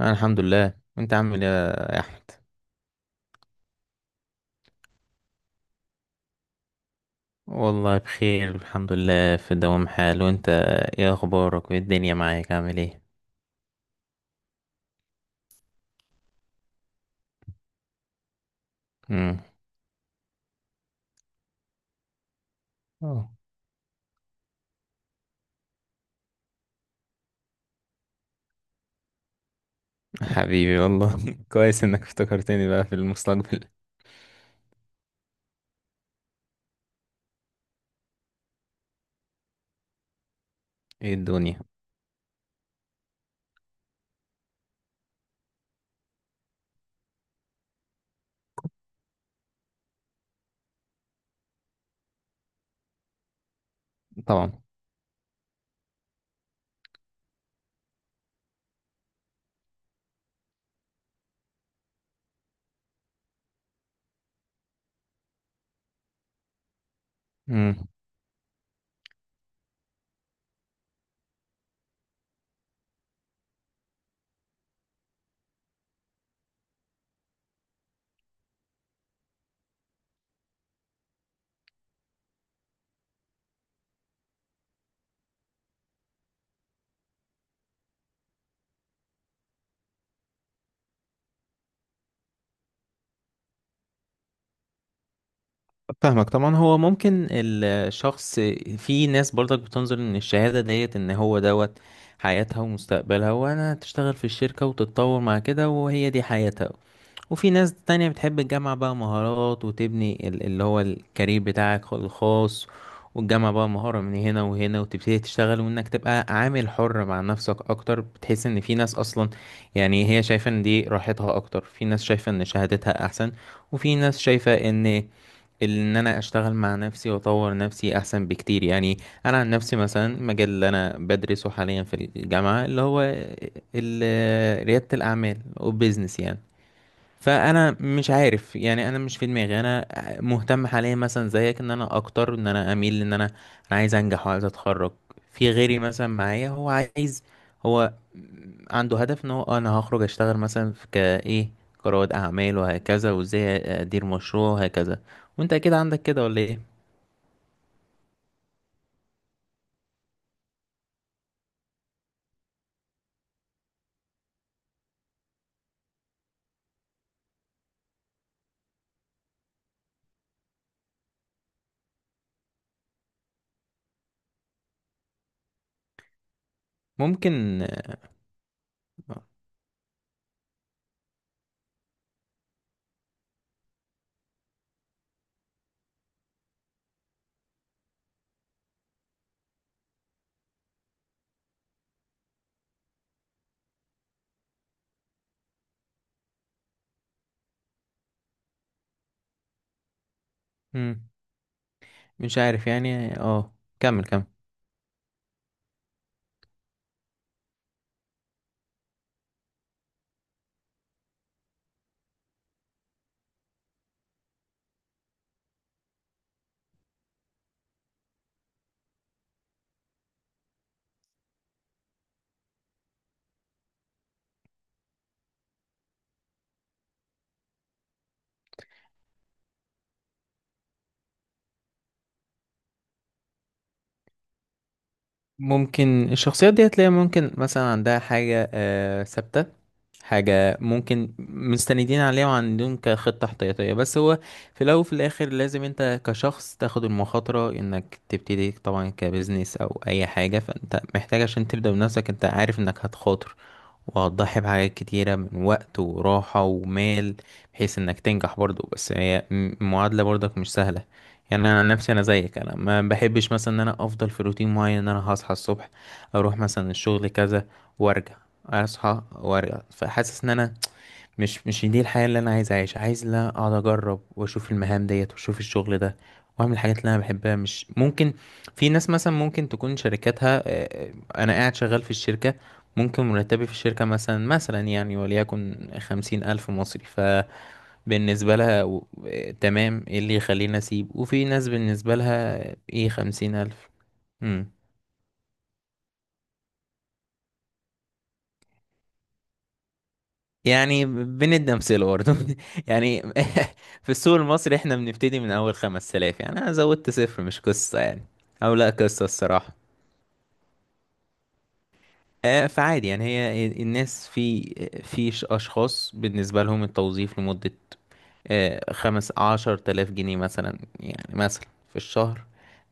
انا الحمد لله. وانت عامل ايه يا احمد؟ والله بخير الحمد لله، في دوام حال. وانت ايه اخبارك؟ وايه الدنيا معاك عامل ايه؟ امم. أوه. حبيبي والله كويس انك افتكرتني بقى في المستقبل. ايه الدنيا؟ طبعا. امم فاهمك طبعا. هو ممكن الشخص، في ناس برضك بتنظر ان الشهادة ديت ان هو دوت حياتها ومستقبلها، وانا تشتغل في الشركة وتتطور مع كده وهي دي حياتها. وفي ناس تانية بتحب تجمع بقى مهارات وتبني اللي هو الكارير بتاعك الخاص، وتجمع بقى مهارة من هنا وهنا وتبتدي تشتغل، وانك تبقى عامل حر مع نفسك اكتر. بتحس ان في ناس اصلا يعني هي شايفة ان دي راحتها اكتر، في ناس شايفة ان شهادتها احسن، وفي ناس شايفة ان انا اشتغل مع نفسي واطور نفسي احسن بكتير يعني. انا عن نفسي مثلا المجال اللي انا بدرسه حاليا في الجامعة اللي هو ريادة الاعمال وبزنس يعني. فانا مش عارف يعني، انا مش في دماغي. انا مهتم حاليا مثلا زيك، ان انا اكتر، ان انا اميل، ان انا، انا عايز انجح وعايز اتخرج. في غيري مثلا معايا هو عايز، هو عنده هدف ان هو انا هخرج اشتغل مثلا في كايه كرواد اعمال وهكذا، وازاي ادير مشروع وهكذا. وانت اكيد عندك كده ولا ايه؟ ممكن. مم. مش عارف يعني اه. كمل، كمل. ممكن الشخصيات دي هتلاقي ممكن مثلا عندها حاجة ثابتة، حاجة ممكن مستندين عليها وعندهم كخطة احتياطية. بس هو في الأول وفي الآخر، لازم أنت كشخص تاخد المخاطرة إنك تبتدي طبعا كبزنس أو أي حاجة، فأنت محتاج عشان تبدأ بنفسك. أنت عارف إنك هتخاطر، وهتضحي بحاجات كتيرة من وقت وراحة ومال بحيث إنك تنجح برضو. بس هي المعادلة برضك مش سهلة. يعني أنا عن نفسي، أنا زيك، أنا ما بحبش مثلا إن أنا أفضل في روتين معين، إن أنا هصحى الصبح أروح مثلا الشغل كذا وارجع، اصحى وارجع. فحاسس ان انا مش دي الحياه اللي انا عايز اعيشها، عايز لا اقعد اجرب واشوف المهام ديت واشوف الشغل ده واعمل الحاجات اللي انا بحبها. مش ممكن. في ناس مثلا ممكن تكون شركاتها انا قاعد شغال في الشركه. ممكن مرتبي في الشركه مثلا، يعني وليكن 50,000 مصري. فبالنسبه لها تمام، ايه اللي يخليني اسيب؟ وفي ناس بالنسبه لها ايه 50,000؟ يعني بندي أمثلة برضه يعني في السوق المصري احنا بنبتدي من أول 5,000، يعني أنا زودت صفر مش قصة يعني. أو لا قصة الصراحة. فعادي يعني. هي الناس في، في أشخاص بالنسبة لهم التوظيف لمدة خمس عشر تلاف جنيه مثلا، يعني مثلا في الشهر.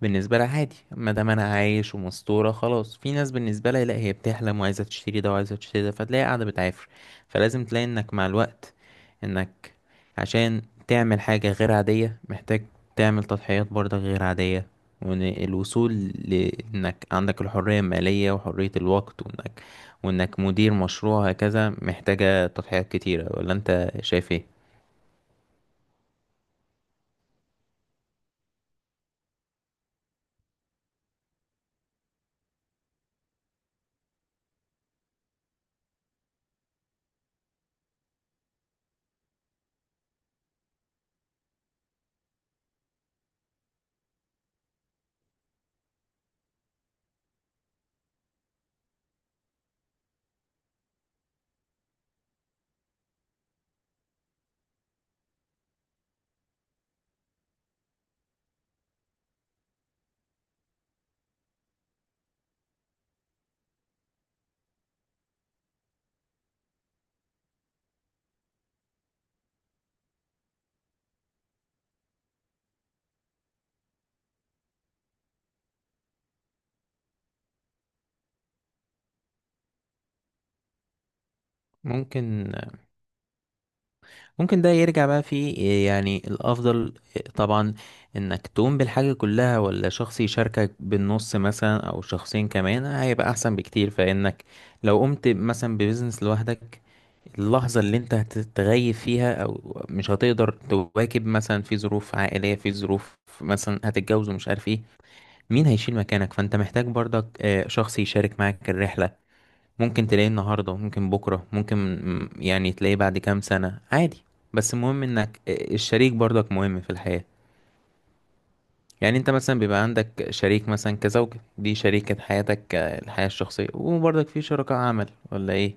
بالنسبة لها عادي ما دام أنا عايش ومستورة خلاص. في ناس بالنسبة لها لا، هي بتحلم وعايزة تشتري ده وعايزة تشتري ده، فتلاقي قاعدة بتعافر. فلازم تلاقي إنك مع الوقت، انك عشان تعمل حاجة غير عادية، محتاج تعمل تضحيات برضك غير عادية. وإن الوصول لإنك عندك الحرية المالية وحرية الوقت، وإنك مدير مشروع هكذا، محتاجة تضحيات كتيرة. ولا أنت شايف إيه؟ ممكن. ممكن ده يرجع بقى في، يعني الأفضل طبعا إنك تقوم بالحاجة كلها ولا شخص يشاركك بالنص مثلا، أو شخصين كمان هيبقى أحسن بكتير. فإنك لو قمت مثلا ببزنس لوحدك، اللحظة اللي انت هتتغيب فيها او مش هتقدر تواكب مثلا في ظروف عائلية، في ظروف مثلا هتتجوز ومش عارف ايه، مين هيشيل مكانك؟ فانت محتاج برضك شخص يشارك معاك الرحلة. ممكن تلاقيه النهاردة، ممكن بكرة، ممكن يعني تلاقيه بعد كام سنة عادي. بس المهم انك الشريك برضك مهم في الحياة. يعني انت مثلا بيبقى عندك شريك مثلا كزوجة، دي شريكة حياتك الحياة الشخصية، وبرضك في شركاء عمل ولا ايه؟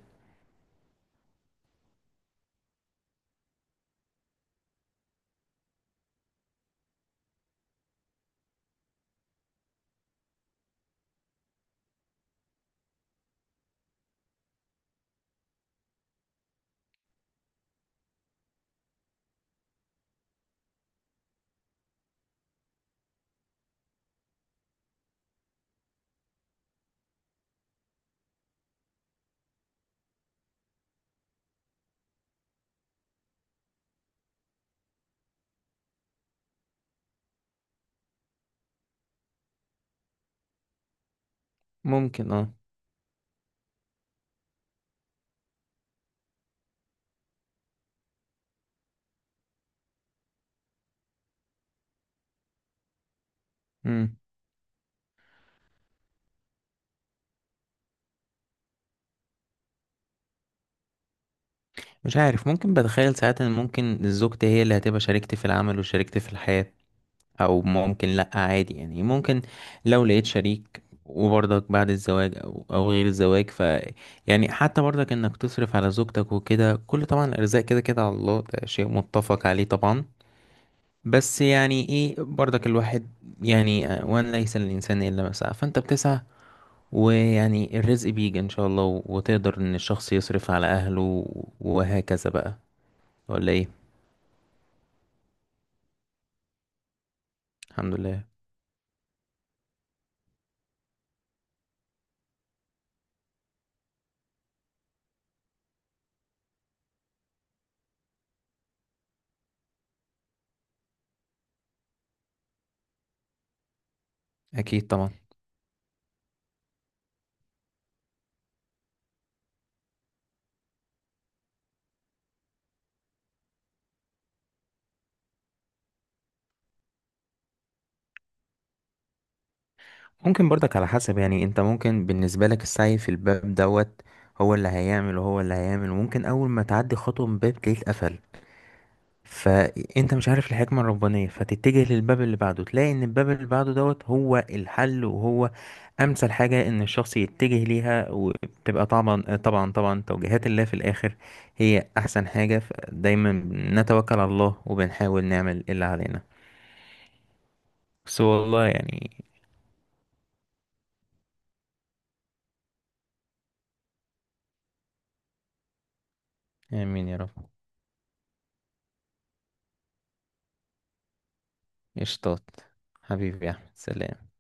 ممكن. اه. مش عارف. ممكن بتخيل ساعات ان ممكن زوجتي هي اللي هتبقى شريكتي في العمل وشريكتي في الحياة، او ممكن لا عادي يعني. ممكن لو لقيت شريك وبرضك بعد الزواج او غير الزواج ف، يعني حتى برضك انك تصرف على زوجتك وكده، كل طبعا الارزاق كده كده على الله، ده شيء متفق عليه طبعا. بس يعني ايه برضك الواحد، يعني وان ليس للانسان الا ما سعى، فانت بتسعى، ويعني الرزق بيجي ان شاء الله، وتقدر ان الشخص يصرف على اهله وهكذا بقى. ولا ايه؟ الحمد لله. اكيد طبعا. ممكن برضك على حسب، يعني انت ممكن بالنسبه لك السعي في الباب دوت هو اللي هيعمل وهو اللي هيعمل. وممكن اول ما تعدي خطوه من باب تلاقيه اتقفل، فانت مش عارف الحكمه الربانيه، فتتجه للباب اللي بعده تلاقي ان الباب اللي بعده دوت هو الحل، وهو امثل حاجه ان الشخص يتجه ليها. وبتبقى طبعا طبعا طبعا توجيهات الله في الاخر هي احسن حاجه. فدايما نتوكل على الله وبنحاول نعمل اللي علينا. بس والله يعني. امين يا رب. قشطات. حبيبي يا أحمد، سلام.